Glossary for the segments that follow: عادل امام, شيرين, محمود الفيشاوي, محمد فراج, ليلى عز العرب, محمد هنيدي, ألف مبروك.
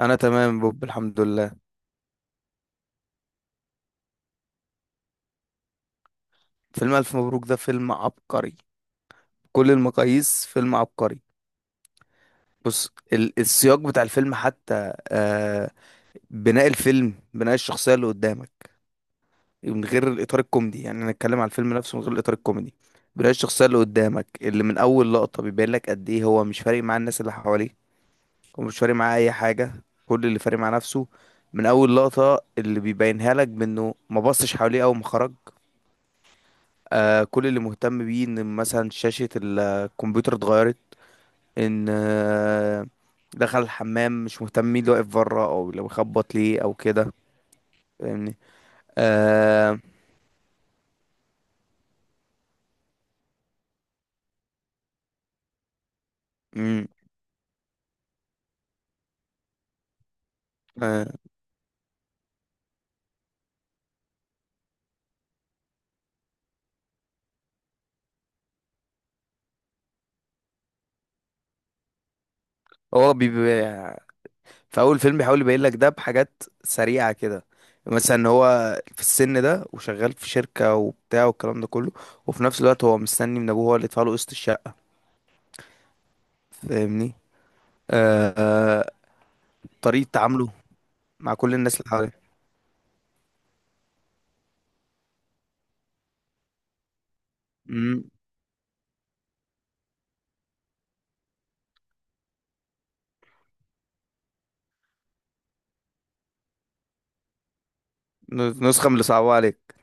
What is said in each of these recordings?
انا تمام بوب، الحمد لله. فيلم الف مبروك ده فيلم عبقري. كل المقاييس فيلم عبقري. بص، السياق بتاع الفيلم، حتى بناء الفيلم، بناء الشخصيه اللي قدامك، من غير الاطار الكوميدي، يعني انا اتكلم على الفيلم نفسه من غير الاطار الكوميدي. بناء الشخصيه اللي قدامك، اللي من اول لقطه بيبين لك قد ايه هو مش فارق مع الناس اللي حواليه، ومش فارق معاه اي حاجه، كل اللي فارق مع نفسه. من اول لقطه اللي بيبينها لك، بانه ما بصش حواليه اول ما خرج، كل اللي مهتم بيه ان مثلا شاشة الكمبيوتر اتغيرت، ان دخل الحمام مش مهتم مين اللي واقف بره او لو خبط ليه او كده. فاهمني؟ آه. مم. آه. هو بيبقى في اول فيلم بيحاول يبين لك ده بحاجات سريعة كده، مثلا إن هو في السن ده وشغال في شركة وبتاع والكلام ده كله، وفي نفس الوقت هو مستني من ابوه هو اللي يدفع له قسط الشقة. فاهمني؟ آه. آه. طريقة تعامله مع كل الناس اللي حواليه، نسخة من اللي صعبوها عليك.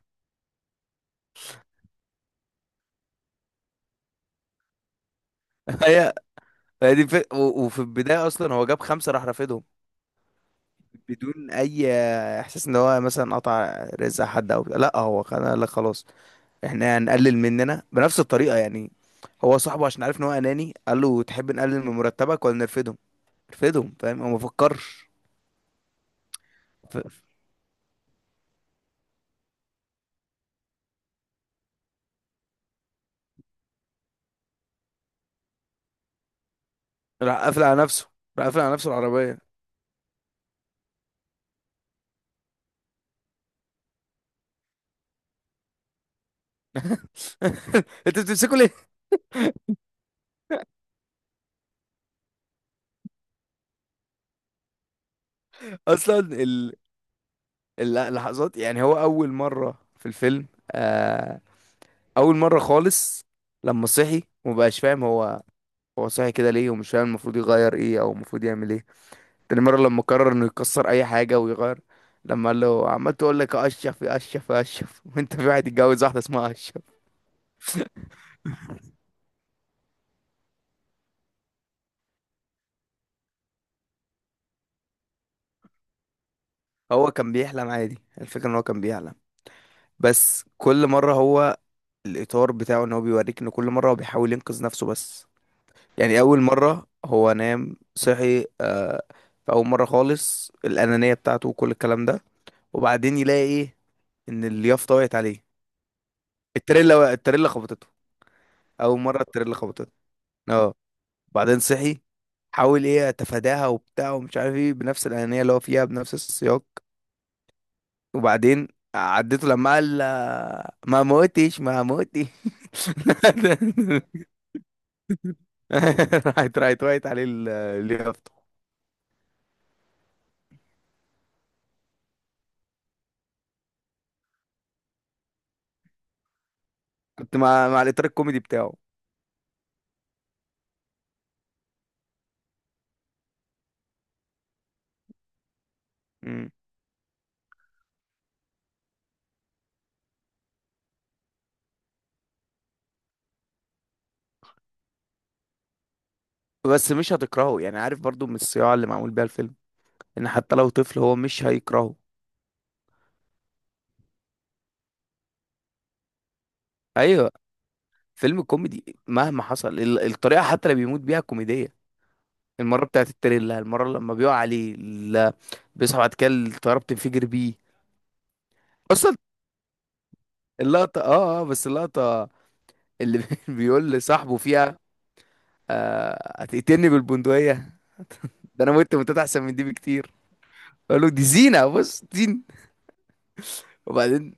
هي هي دي وفي البداية أصلا هو جاب خمسة راح رافضهم، بدون أي إحساس إن هو مثلا قطع رزق حد أو بتاع. لا، هو كان قال لك خلاص، إحنا هنقلل مننا بنفس الطريقة يعني. هو صاحبه عشان عارف إن هو أناني، قال له تحب نقلل من مرتبك ولا نرفدهم؟ نرفدهم، فاهم، هو ما فكرش. ف... راح قافل على نفسه، راح قافل على نفسه العربية. أنت بتمسكوا ليه؟ أصلا، اللحظات، يعني هو أول مرة في الفيلم، اول مره خالص، لما صحي ومبقاش فاهم، هو هو صحي كده ليه ومش فاهم المفروض يغير ايه او المفروض يعمل ايه. تاني مره لما قرر انه يكسر اي حاجه ويغير، لما قال له عمال تقول لك اشرف يا اشرف يا اشرف، وانت في واحد يتجوز واحده اسمها اشرف. هو كان بيحلم عادي، الفكره ان هو كان بيحلم، بس كل مره هو، الاطار بتاعه ان هو بيوريك ان كل مره هو بيحاول ينقذ نفسه بس. يعني اول مره هو نام صحي، في اول مره خالص الانانيه بتاعته وكل الكلام ده، وبعدين يلاقي ايه، ان اليافطه وقعت عليه، التريلا خبطته، اول مره التريلا خبطته، اه، بعدين صحي، حاول ايه اتفاداها وبتاع ومش عارف ايه، بنفس الانانيه اللي هو فيها، بنفس السياق، وبعدين عديته لما قال ما موتش، ما موتش. راحت وقعت عليه اليافطه، كنت مع الاطار الكوميدي بتاعه. مم. بس مش هتكرهه يعني، عارف، برضو من الصياعه اللي معمول بيها الفيلم، ان حتى لو طفل هو مش هيكرهه. ايوه، فيلم كوميدي مهما حصل، الطريقة حتى اللي بيموت بيها كوميدية. المرة بتاعت التريلا، المرة لما بيقع عليه بيصحى بعد كده، الطيارة بتنفجر بيه. أصلا اللقطة، اه، اه، بس اللقطة اللي بيقول لصاحبه فيها، آه، هتقتلني بالبندقية؟ ده أنا مت، متت أحسن من دي بكتير. قال له دي زينة، بص زين. وبعدين،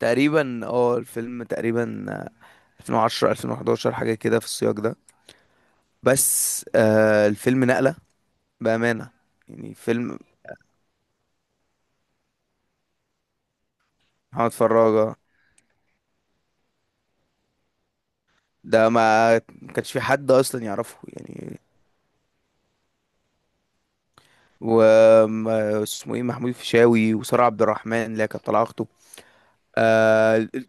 تقريبا، اه، الفيلم تقريبا، 2010 2011 حاجة كده في السياق ده، بس الفيلم نقلة، بأمانة، يعني فيلم. محمد فراج ده، ما كانش في حد اصلا يعرفه يعني، وما اسمه ايه، محمود الفيشاوي، وسارة عبد الرحمن اللي هي كانت طالعه اخته. آه،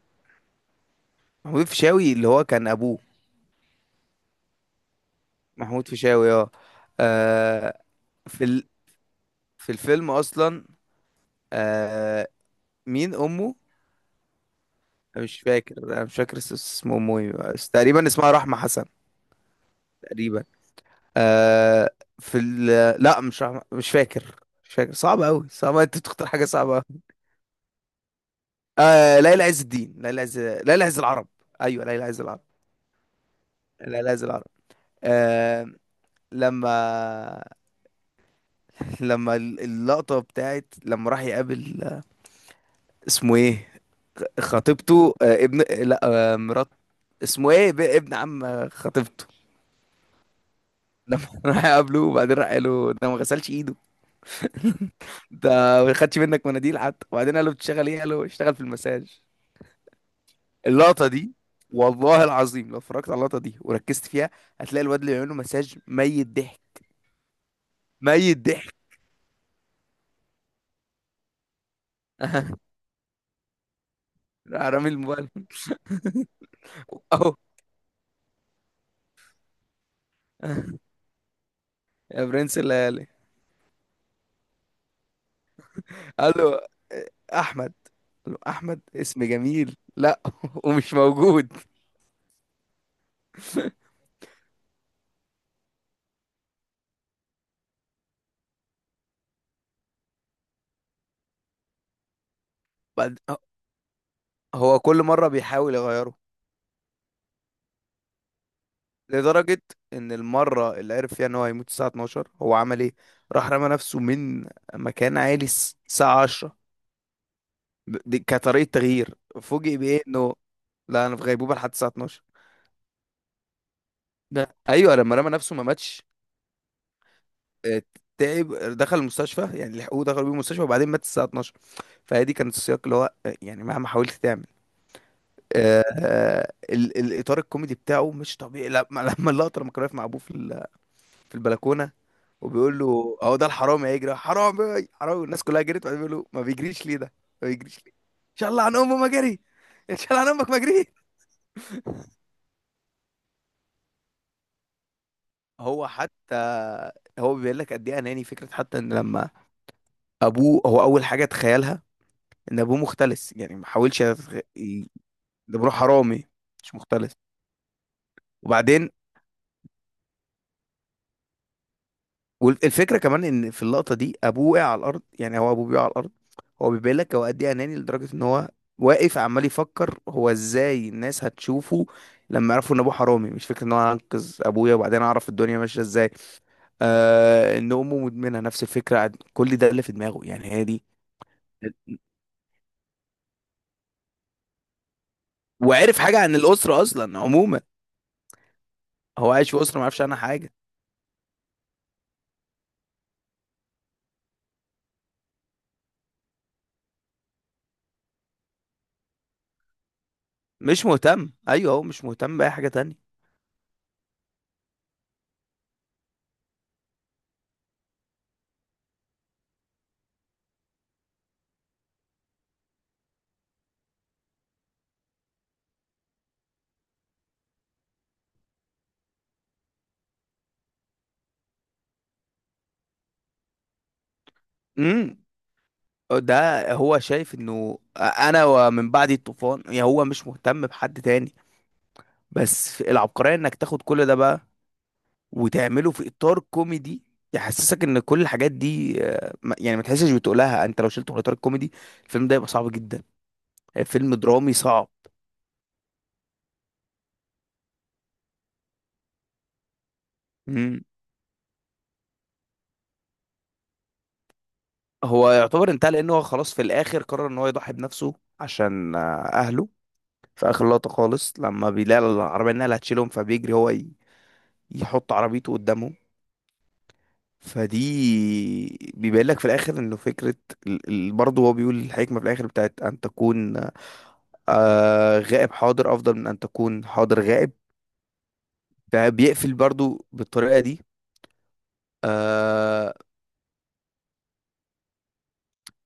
محمود الفيشاوي اللي هو كان ابوه. محمود الفيشاوي، اه. آه. في ال... في الفيلم اصلا، آه مين امه؟ أنا مش فاكر، اسم امه ايه، بس تقريبا اسمها رحمة حسن، تقريبا، آه في ال... لا، مش رحمة، مش فاكر، مش فاكر، صعب قوي، صعب انت تختار حاجة صعبة. آه، ليلى عز الدين، ليلى عز، ليلى عز العرب، ايوه، ليلى عز العرب، ليلى عز العرب. آه. لما لما اللقطة بتاعت لما راح يقابل، اسمه ايه، خطيبته، ابن، لا، مرات، اسمه ايه، ابن عم خطيبته، لما راح يقابله وبعدين راح قال له ده ما غسلش ايده، ده ما خدش منك مناديل حتى، وبعدين قال له بتشتغل ايه؟ قال له اشتغل في المساج. اللقطة دي، والله العظيم لو اتفرجت على اللقطة دي وركزت فيها، هتلاقي الواد اللي بيعمله مساج ميت ضحك، ميت ضحك، راح رامي الموبايل، اهو، يا برنس الليالي، قال له احمد، قال له احمد اسم جميل، لا، ومش موجود. بعد هو كل مره بيحاول يغيره، لدرجه ان المره اللي عرف فيها ان هو هيموت الساعه 12 هو عمل ايه؟ راح رمى نفسه من مكان عالي الساعه 10، دي كطريقه تغيير، فوجئ بايه انه، لا انا في غيبوبه لحد الساعه 12، ده ايوه لما رمى نفسه ما ماتش، آه، تعب، دخل المستشفى، يعني لحقوه دخلوا بيه المستشفى، وبعدين مات الساعة 12. فهي دي كانت السياق اللي هو، يعني مهما حاولت تعمل، الإطار الكوميدي بتاعه مش طبيعي، لما لما اللقطة لما كان واقف مع أبوه في في البلكونة، وبيقول له أهو ده الحرامي هيجري حرامي حرامي، والناس كلها جريت، وبعدين بيقول له ما بيجريش ليه ده؟ ما بيجريش ليه، إن شاء الله عن أمه ما جري، إن شاء الله عن أمك ما جري. هو حتى هو بيبين لك قد إيه أناني، فكرة حتى إن لما أبوه، هو أول حاجة تخيلها ان ابوه مختلس، يعني ما حاولش ده بروح حرامي مش مختلس، وبعدين، والفكره كمان ان في اللقطه دي ابوه وقع على الارض، يعني هو ابوه بيقع على الارض، هو بيبين لك هو قد ايه اناني، لدرجه ان هو واقف عمال يفكر هو ازاي الناس هتشوفه لما يعرفوا ان ابوه حرامي، مش فكره ان هو انقذ ابويا وبعدين اعرف الدنيا ماشيه ازاي. ان امه مدمنه، نفس الفكره، كل ده اللي في دماغه، يعني هي دي، وعرف حاجه عن الاسره اصلا عموما، هو عايش في اسره ما يعرفش عنها حاجه، مش مهتم، ايوه، هو مش مهتم باي حاجه تانية. مم. ده هو شايف انه انا ومن بعد الطوفان، يعني هو مش مهتم بحد تاني، بس في العبقرية انك تاخد كل ده بقى وتعمله في اطار كوميدي، يحسسك ان كل الحاجات دي، يعني ما تحسش بتقولها، انت لو شلته من اطار الكوميدي، الفيلم ده يبقى صعب جدا، فيلم درامي صعب. مم. هو يعتبر انتهى، لان هو خلاص في الاخر قرر ان هو يضحي بنفسه عشان اهله، في اخر لقطة خالص لما بيلاقي العربية انها اللي هتشيلهم فبيجري هو يحط عربيته قدامهم، فدي بيبين لك في الاخر انه فكره، برضه هو بيقول الحكمه في الاخر بتاعت ان تكون غائب حاضر افضل من ان تكون حاضر غائب، فبيقفل برضه بالطريقه دي. آه.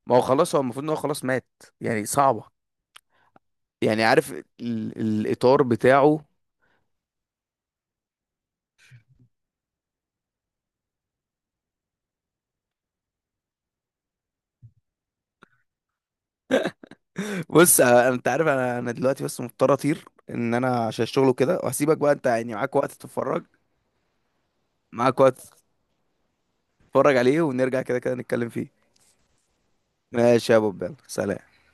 ما هو خلاص، هو المفروض ان هو خلاص مات يعني، صعبه، يعني عارف الاطار بتاعه. بص، انت عارف، انا دلوقتي بس مضطر اطير، ان انا عشان الشغل وكده، وهسيبك بقى، انت يعني معاك وقت تتفرج، معاك وقت تتفرج عليه، ونرجع كده كده نتكلم فيه. ماشي يا ابو بال، سلام.